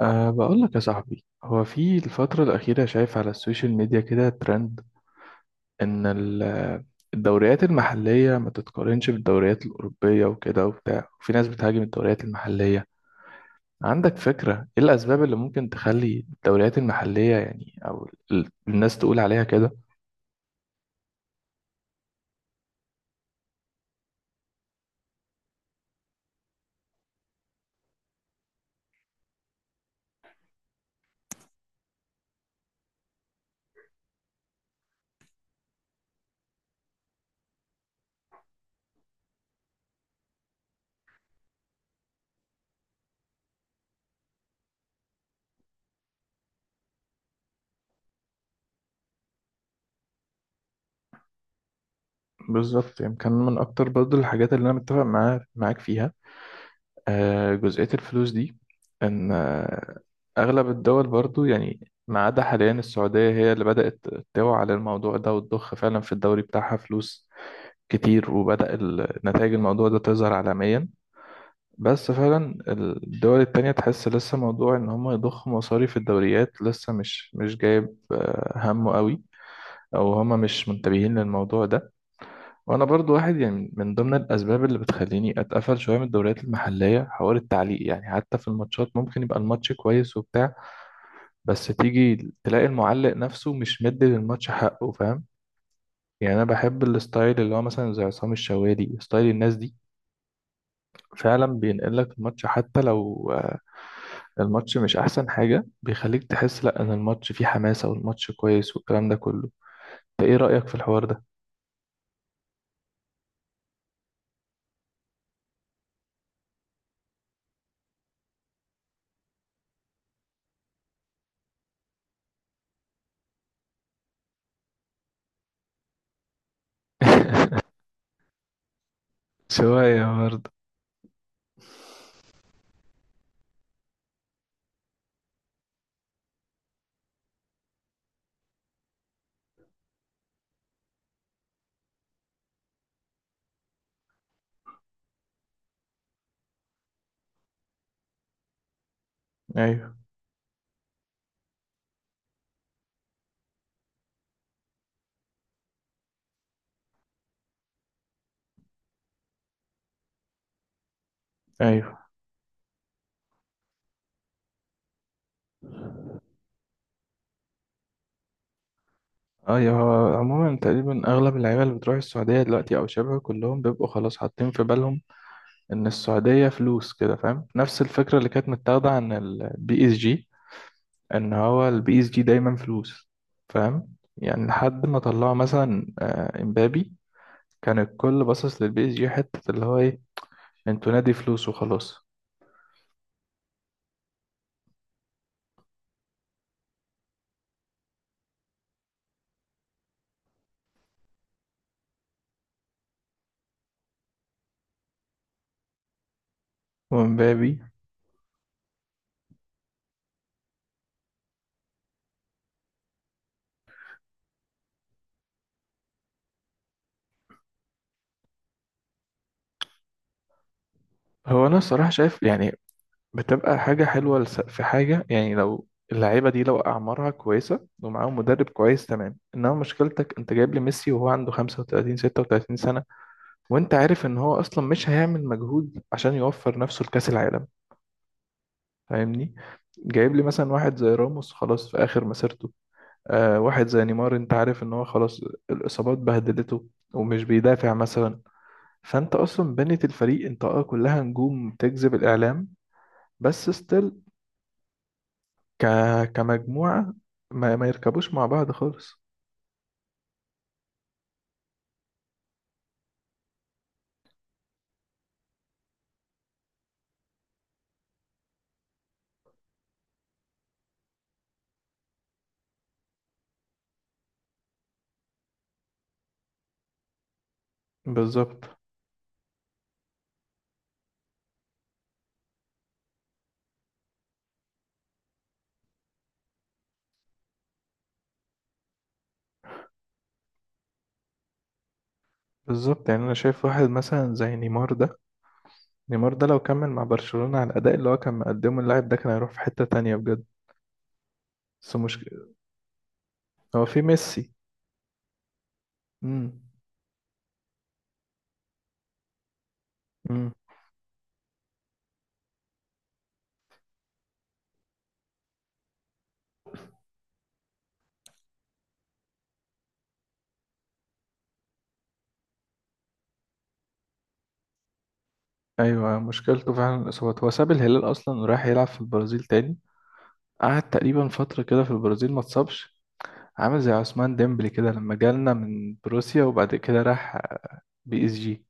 بقول لك يا صاحبي، هو في الفترة الأخيرة شايف على السوشيال ميديا كده ترند إن الدوريات المحلية ما تتقارنش بالدوريات الأوروبية وكده وبتاع، وفي ناس بتهاجم الدوريات المحلية. عندك فكرة إيه الأسباب اللي ممكن تخلي الدوريات المحلية يعني أو الناس تقول عليها كده؟ بالظبط، يعني كان من أكتر برضه الحاجات اللي أنا متفق معاها معاك فيها جزئية الفلوس دي. إن أغلب الدول برضو يعني ما عدا حاليا السعودية هي اللي بدأت توعى على الموضوع ده وتضخ فعلا في الدوري بتاعها فلوس كتير، وبدأ نتائج الموضوع ده تظهر عالميا. بس فعلا الدول التانية تحس لسه موضوع إن هم يضخوا مصاريف الدوريات لسه مش جايب همه قوي، أو هما مش منتبهين للموضوع ده. وأنا برضو واحد يعني من ضمن الأسباب اللي بتخليني أتقفل شوية من الدوريات المحلية حوار التعليق، يعني حتى في الماتشات ممكن يبقى الماتش كويس وبتاع، بس تيجي تلاقي المعلق نفسه مش مدي للماتش حقه، فاهم يعني؟ انا بحب الستايل اللي هو مثلا زي عصام الشوالي، ستايل الناس دي فعلا بينقل لك الماتش حتى لو الماتش مش احسن حاجة، بيخليك تحس لا ان الماتش فيه حماسة والماتش كويس والكلام ده كله. انت ايه رأيك في الحوار ده؟ شوية برضه. ايوه، ايوه، ايوه، هو عموما تقريبا اغلب اللعيبه اللي بتروح السعوديه دلوقتي او شبه كلهم بيبقوا خلاص حاطين في بالهم ان السعوديه فلوس كده، فاهم؟ نفس الفكره اللي كانت متاخده عن البي اس جي، ان هو البي اس جي دايما فلوس. فاهم يعني؟ لحد ما طلعوا مثلا امبابي، كان الكل باصص للبي اس جي حته اللي هو ايه، انتوا نادي فلوس وخلاص. وامبابي هو انا الصراحه شايف يعني بتبقى حاجه حلوه في حاجه، يعني لو اللعيبه دي لو اعمارها كويسه ومعاهم مدرب كويس تمام، انما مشكلتك انت جايب لي ميسي وهو عنده 35 36 سنه، وانت عارف ان هو اصلا مش هيعمل مجهود عشان يوفر نفسه لكأس العالم، فاهمني؟ جايب لي مثلا واحد زي راموس خلاص في اخر مسيرته، واحد زي نيمار انت عارف ان هو خلاص، الاصابات بهدلته ومش بيدافع مثلا. فانت اصلا بنيت الفريق انت كلها نجوم تجذب الاعلام، بس ستيل ك... كمجموعة ما يركبوش مع بعض خالص. بالظبط. بالظبط، يعني انا شايف واحد مثلا زي نيمار ده، نيمار ده لو كمل مع برشلونة على الأداء اللي هو كان مقدمه، اللاعب ده كان هيروح في حتة تانية بجد. بس مشكلة هو في ميسي. امم امم أيوة، مشكلته فعلا الإصابات، هو ساب الهلال أصلا وراح يلعب في البرازيل تاني، قعد تقريبا فترة كده في البرازيل ما اتصابش. عامل زي عثمان ديمبلي كده لما جالنا من بروسيا وبعد كده راح بي اس جي.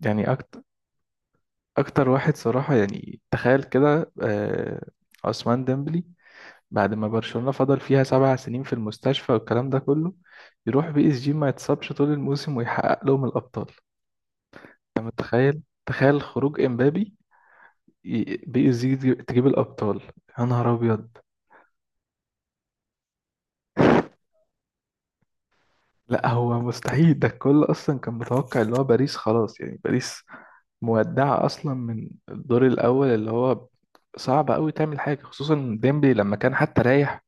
يعني أكتر أكتر واحد صراحة، يعني تخيل كده عثمان ديمبلي بعد ما برشلونة فضل فيها سبع سنين في المستشفى والكلام ده كله، يروح بي اس جي ما يتصابش طول الموسم ويحقق لهم الأبطال. متخيل؟ تخيل خروج امبابي، بي اس جي تجيب الأبطال. يا نهار أبيض. لا هو مستحيل، ده الكل أصلا كان متوقع اللي هو باريس خلاص، يعني باريس مودعة أصلا من الدور الأول، اللي هو صعب أوي تعمل حاجة. خصوصا ديمبلي لما كان حتى رايح،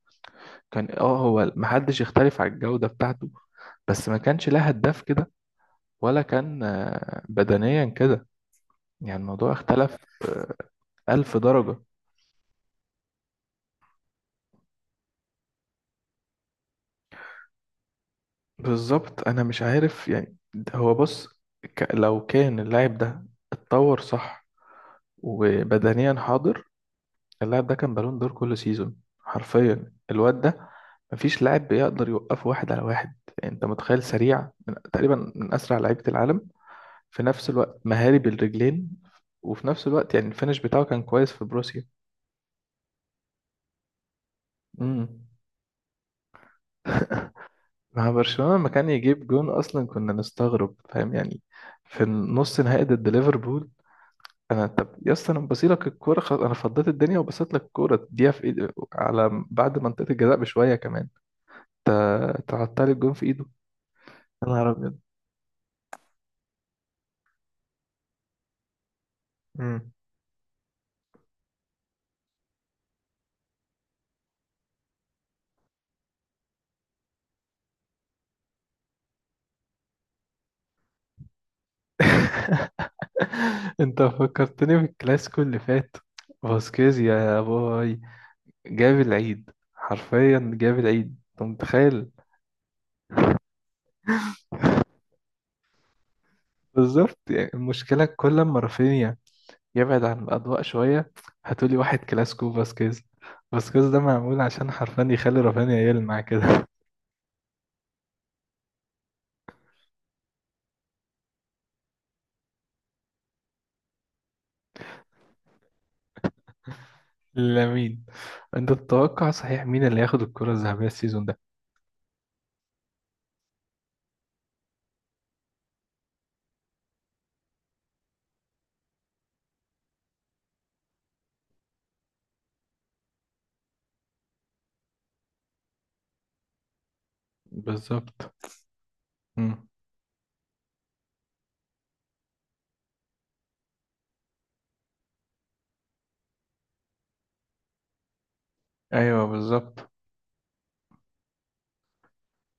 كان هو محدش يختلف على الجودة بتاعته، بس ما كانش لها هداف كده، ولا كان بدنيا كده. يعني الموضوع اختلف ألف درجة. بالظبط، أنا مش عارف يعني، ده هو بص، لو كان اللاعب ده اتطور صح وبدنيا حاضر، اللاعب ده كان بالون دور كل سيزون حرفيا. الواد ده مفيش لاعب بيقدر يوقفه واحد على واحد، يعني انت متخيل؟ سريع من تقريبا من اسرع لعيبة العالم، في نفس الوقت مهاري بالرجلين، وفي نفس الوقت يعني الفينش بتاعه كان كويس في بروسيا. امم. مع برشلونة لما كان يجيب جون اصلا كنا نستغرب، فاهم يعني؟ في النص نهائي ضد ليفربول، انا طب يا اسطى انا بصيلك الكوره خلاص، انا فضيت الدنيا وبصيت لك الكوره تديها في ايد، على بعد منطقه الجزاء بشويه كمان انت تعطل الجون في ايده. يا نهار ابيض. مم. انت فكرتني بالكلاسيكو اللي فات، فاسكيز يا باي، جاب العيد حرفيا، جاب العيد، انت متخيل؟ بالظبط، يعني المشكله كل ما رافينيا يبعد عن الأضواء شوية هتقولي واحد كلاسيكو فاسكيز. فاسكيز ده معمول عشان حرفيا يخلي رافينيا يلمع كده. لامين. انت تتوقع صحيح مين اللي هياخد الكرة الذهبية السيزون ده؟ بالظبط. مم. ايوه، بالظبط.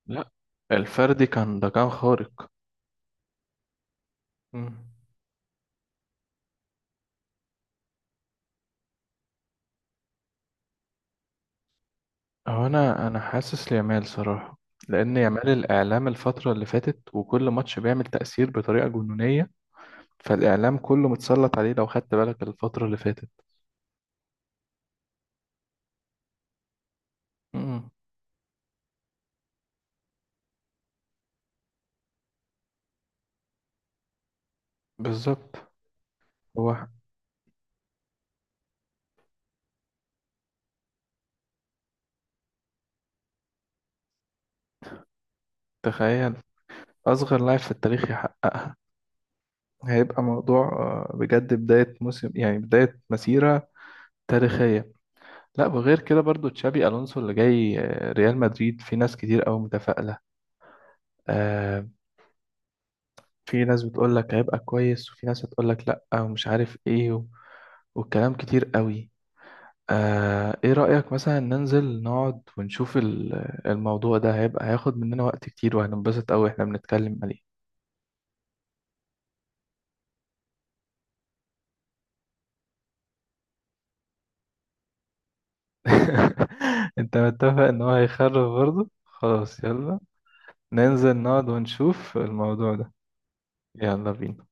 لا، الفردي كان ده كان خارق. مم. هو انا، حاسس ليامال صراحة، لان يامال الاعلام الفترة اللي فاتت وكل ماتش بيعمل تأثير بطريقة جنونية، فالاعلام كله متسلط عليه لو خدت بالك الفترة اللي فاتت. مم. بالظبط. هو تخيل، أصغر لاعب في التاريخ يحققها، هيبقى موضوع بجد بداية موسم يعني بداية مسيرة تاريخية. لا، وغير كده برضو تشابي ألونسو اللي جاي ريال مدريد، في ناس كتير أوي متفائلة، آه، في ناس بتقول لك هيبقى كويس، وفي ناس بتقول لك لا ومش عارف ايه والكلام كتير أوي. ايه رأيك مثلا ننزل نقعد ونشوف الموضوع ده؟ هيبقى هياخد مننا وقت كتير وهننبسط أوي احنا بنتكلم عليه. انت متفق ان هو هيخرب برضه؟ خلاص، يلا ننزل نقعد ونشوف الموضوع ده. يلا بينا.